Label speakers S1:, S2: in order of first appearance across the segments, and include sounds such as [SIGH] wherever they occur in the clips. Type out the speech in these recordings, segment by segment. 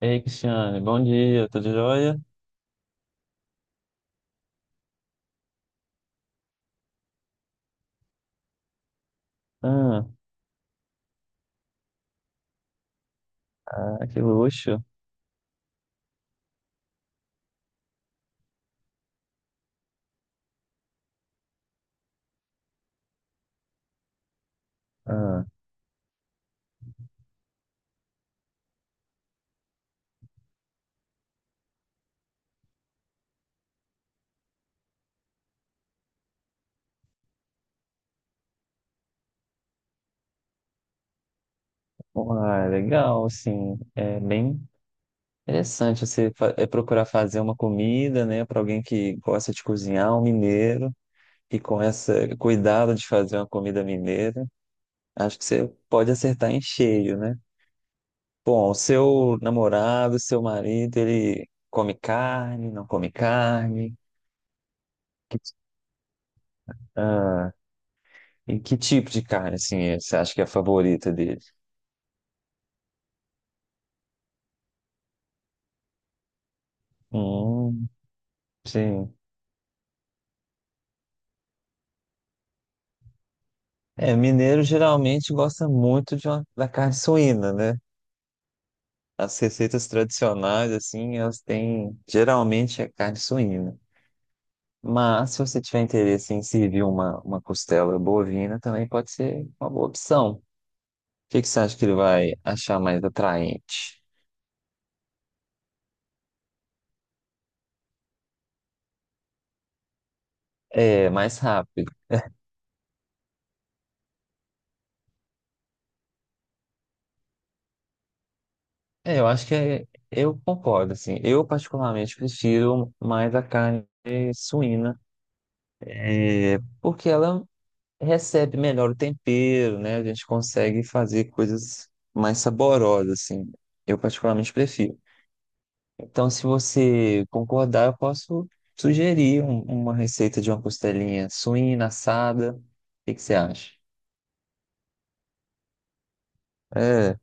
S1: Ei, Cristiane, bom dia, tudo jóia? Ah, ah, que luxo. Ah, uai, legal, assim, é bem interessante você procurar fazer uma comida, né, para alguém que gosta de cozinhar, um mineiro, e com esse cuidado de fazer uma comida mineira, acho que você pode acertar em cheio, né? Bom, o seu namorado, seu marido, ele come carne, não come carne? Que- Ah, e que tipo de carne, assim, você acha que é a favorita dele? Hum, sim. É, mineiro geralmente gosta muito de da carne suína, né? As receitas tradicionais, assim, elas têm, geralmente é carne suína. Mas se você tiver interesse em servir uma costela bovina, também pode ser uma boa opção. O que que você acha que ele vai achar mais atraente? É, mais rápido. É, eu acho que eu concordo, assim. Eu particularmente prefiro mais a carne suína, é, porque ela recebe melhor o tempero, né? A gente consegue fazer coisas mais saborosas, assim. Eu particularmente prefiro. Então, se você concordar, eu posso sugerir uma receita de uma costelinha suína, assada. O que que você acha? É,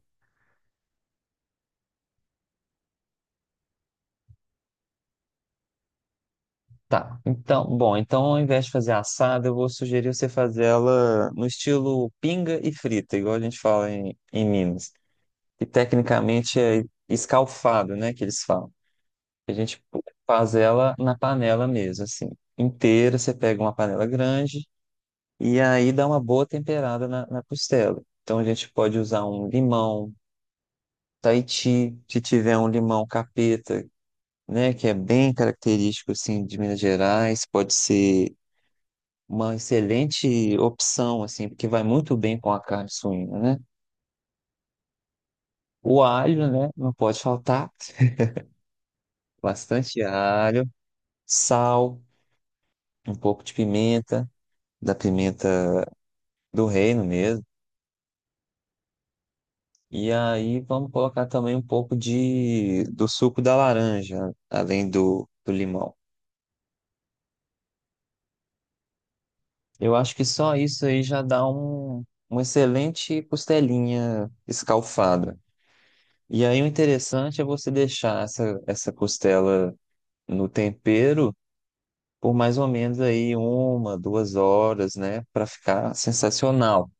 S1: tá. Então, bom, então ao invés de fazer assada, eu vou sugerir você fazer ela no estilo pinga e frita, igual a gente fala em Minas. E tecnicamente é escalfado, né, que eles falam. A gente faz ela na panela mesmo, assim, inteira. Você pega uma panela grande e aí dá uma boa temperada na costela. Então a gente pode usar um limão Tahiti, se tiver um limão capeta, né, que é bem característico assim de Minas Gerais, pode ser uma excelente opção assim, porque vai muito bem com a carne suína, né? O alho, né, não pode faltar. [LAUGHS] Bastante alho, sal, um pouco de pimenta, da pimenta do reino mesmo. E aí vamos colocar também um pouco de do suco da laranja, além do limão. Eu acho que só isso aí já dá uma excelente costelinha escalfada. E aí o interessante é você deixar essa costela no tempero por mais ou menos aí uma, duas horas, né, para ficar sensacional.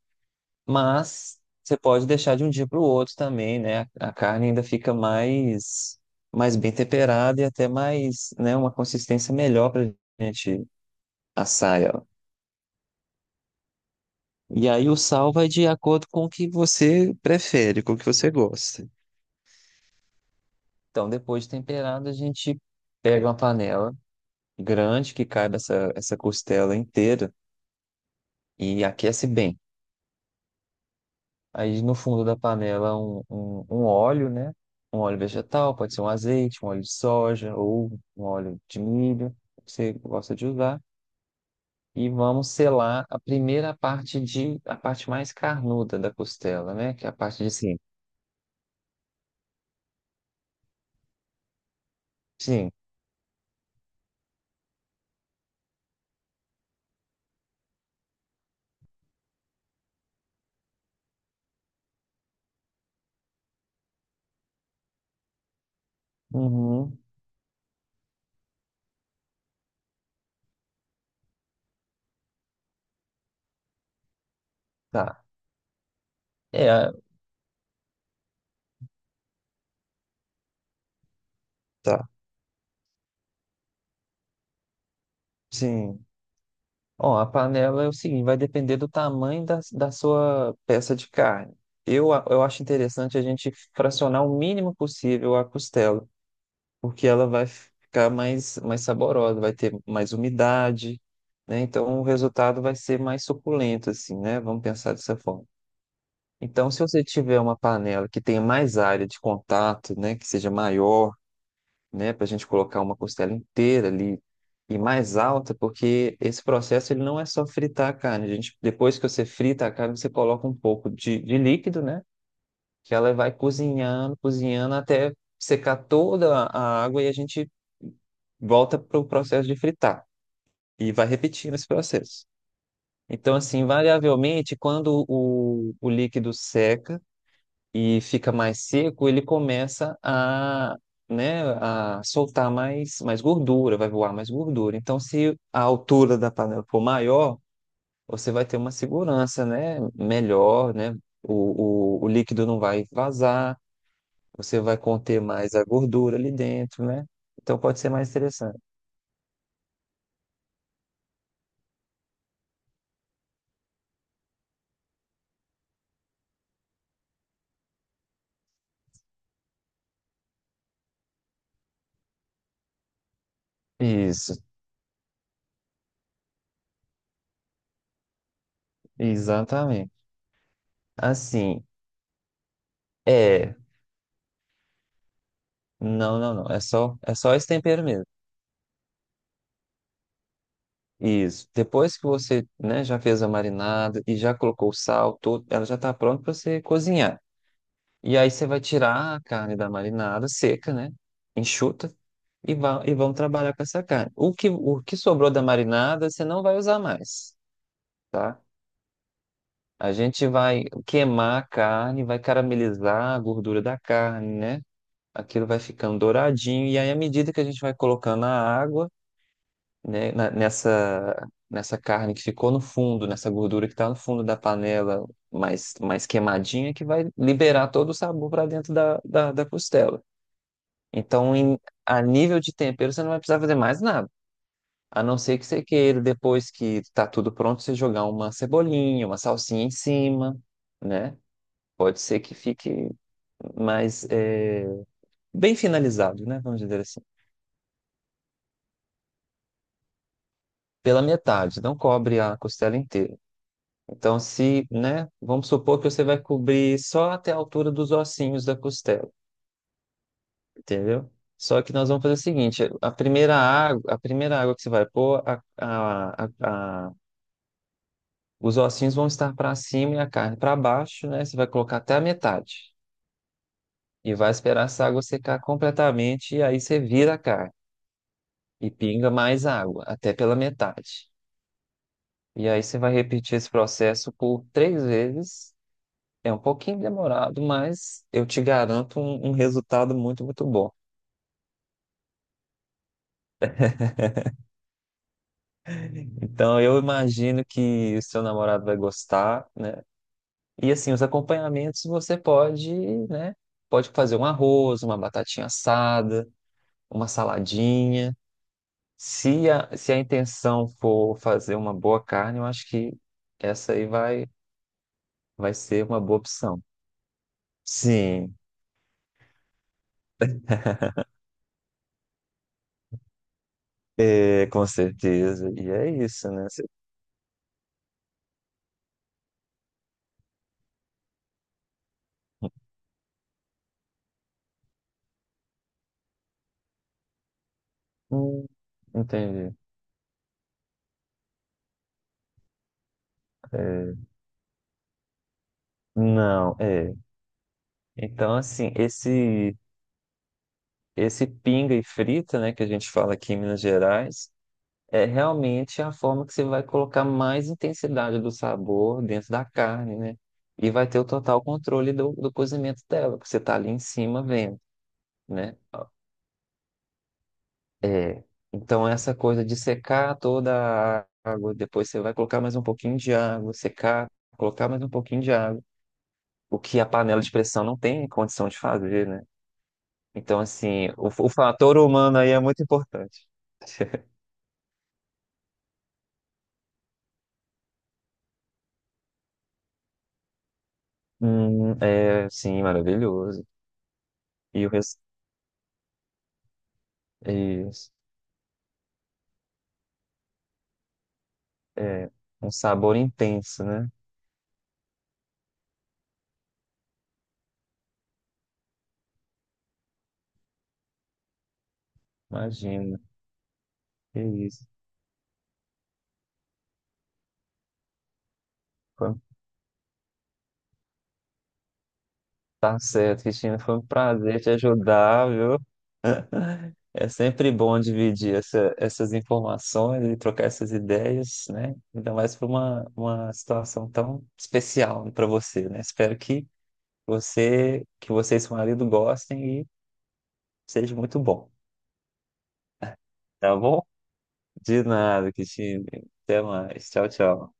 S1: Mas você pode deixar de um dia para o outro também, né? A carne ainda fica mais, mais bem temperada e até mais, né, uma consistência melhor para a gente assar ela. E aí o sal vai de acordo com o que você prefere, com o que você gosta. Então, depois de temperado, a gente pega uma panela grande que caiba essa costela inteira e aquece bem. Aí no fundo da panela um óleo, né? Um óleo vegetal, pode ser um azeite, um óleo de soja ou um óleo de milho, que você gosta de usar. E vamos selar a primeira parte de a parte mais carnuda da costela, né? Que é a parte de cima. Sim. Uhum. Tá. É, a- tá. Sim. Ó, a panela é o seguinte, vai depender do tamanho da sua peça de carne. Eu acho interessante a gente fracionar o mínimo possível a costela porque ela vai ficar mais, mais saborosa, vai ter mais umidade, né? Então o resultado vai ser mais suculento, assim, né? Vamos pensar dessa forma. Então, se você tiver uma panela que tenha mais área de contato, né, que seja maior, né, para a gente colocar uma costela inteira ali e mais alta, porque esse processo ele não é só fritar a carne. A gente, depois que você frita a carne, você coloca um pouco de líquido, né? Que ela vai cozinhando, cozinhando até secar toda a água e a gente volta para o processo de fritar e vai repetindo esse processo. Então, assim, variavelmente, quando o líquido seca e fica mais seco, ele começa né, a soltar mais, mais gordura, vai voar mais gordura. Então, se a altura da panela for maior, você vai ter uma segurança, né, melhor, né? O líquido não vai vazar, você vai conter mais a gordura ali dentro, né? Então pode ser mais interessante. Isso, exatamente. Assim, é, não, não, não, é só esse tempero mesmo. Isso. Depois que você, né, já fez a marinada e já colocou o sal, todo, ela já está pronta para você cozinhar. E aí você vai tirar a carne da marinada seca, né? Enxuta e e vamos trabalhar com essa carne. O que sobrou da marinada, você não vai usar mais, tá? A gente vai queimar a carne, vai caramelizar a gordura da carne, né? Aquilo vai ficando douradinho. E aí, à medida que a gente vai colocando a água, né, nessa, nessa carne que ficou no fundo, nessa gordura que está no fundo da panela, mais, mais queimadinha, que vai liberar todo o sabor para dentro da costela. Então, a nível de tempero, você não vai precisar fazer mais nada. A não ser que você queira, depois que está tudo pronto, você jogar uma cebolinha, uma salsinha em cima, né? Pode ser que fique mais bem finalizado, né? Vamos dizer assim. Pela metade, não cobre a costela inteira. Então, se, né? Vamos supor que você vai cobrir só até a altura dos ossinhos da costela, entendeu? Só que nós vamos fazer o seguinte: a primeira água que você vai pôr, os ossinhos vão estar para cima e a carne para baixo, né? Você vai colocar até a metade e vai esperar essa água secar completamente e aí você vira a carne. E pinga mais água, até pela metade. E aí você vai repetir esse processo por três vezes. É um pouquinho demorado, mas eu te garanto um resultado muito, muito bom. Então, eu imagino que o seu namorado vai gostar, né? E assim, os acompanhamentos você pode, né? Pode fazer um arroz, uma batatinha assada, uma saladinha. Se se a intenção for fazer uma boa carne, eu acho que essa aí vai ser uma boa opção. Sim. É, com certeza. E é isso, né? Hum. Entendi. É, não, é. Então, assim, esse pinga e frita, né, que a gente fala aqui em Minas Gerais, é realmente a forma que você vai colocar mais intensidade do sabor dentro da carne, né? E vai ter o total controle do cozimento dela, porque você tá ali em cima vendo, né? É, então essa coisa de secar toda a água, depois você vai colocar mais um pouquinho de água, secar, colocar mais um pouquinho de água, o que a panela de pressão não tem condição de fazer, né? Então, assim, o fator humano aí é muito importante. É, sim, maravilhoso. E o res... isso, é, um sabor intenso, né? Imagina, que isso. Tá certo, Cristina. Foi um prazer te ajudar, viu? [LAUGHS] É sempre bom dividir essas informações e trocar essas ideias, né? Ainda mais para uma situação tão especial para você, né? Espero que que você e seu marido gostem e seja muito bom, tá bom? De nada, Cristina. Até mais. Tchau, tchau.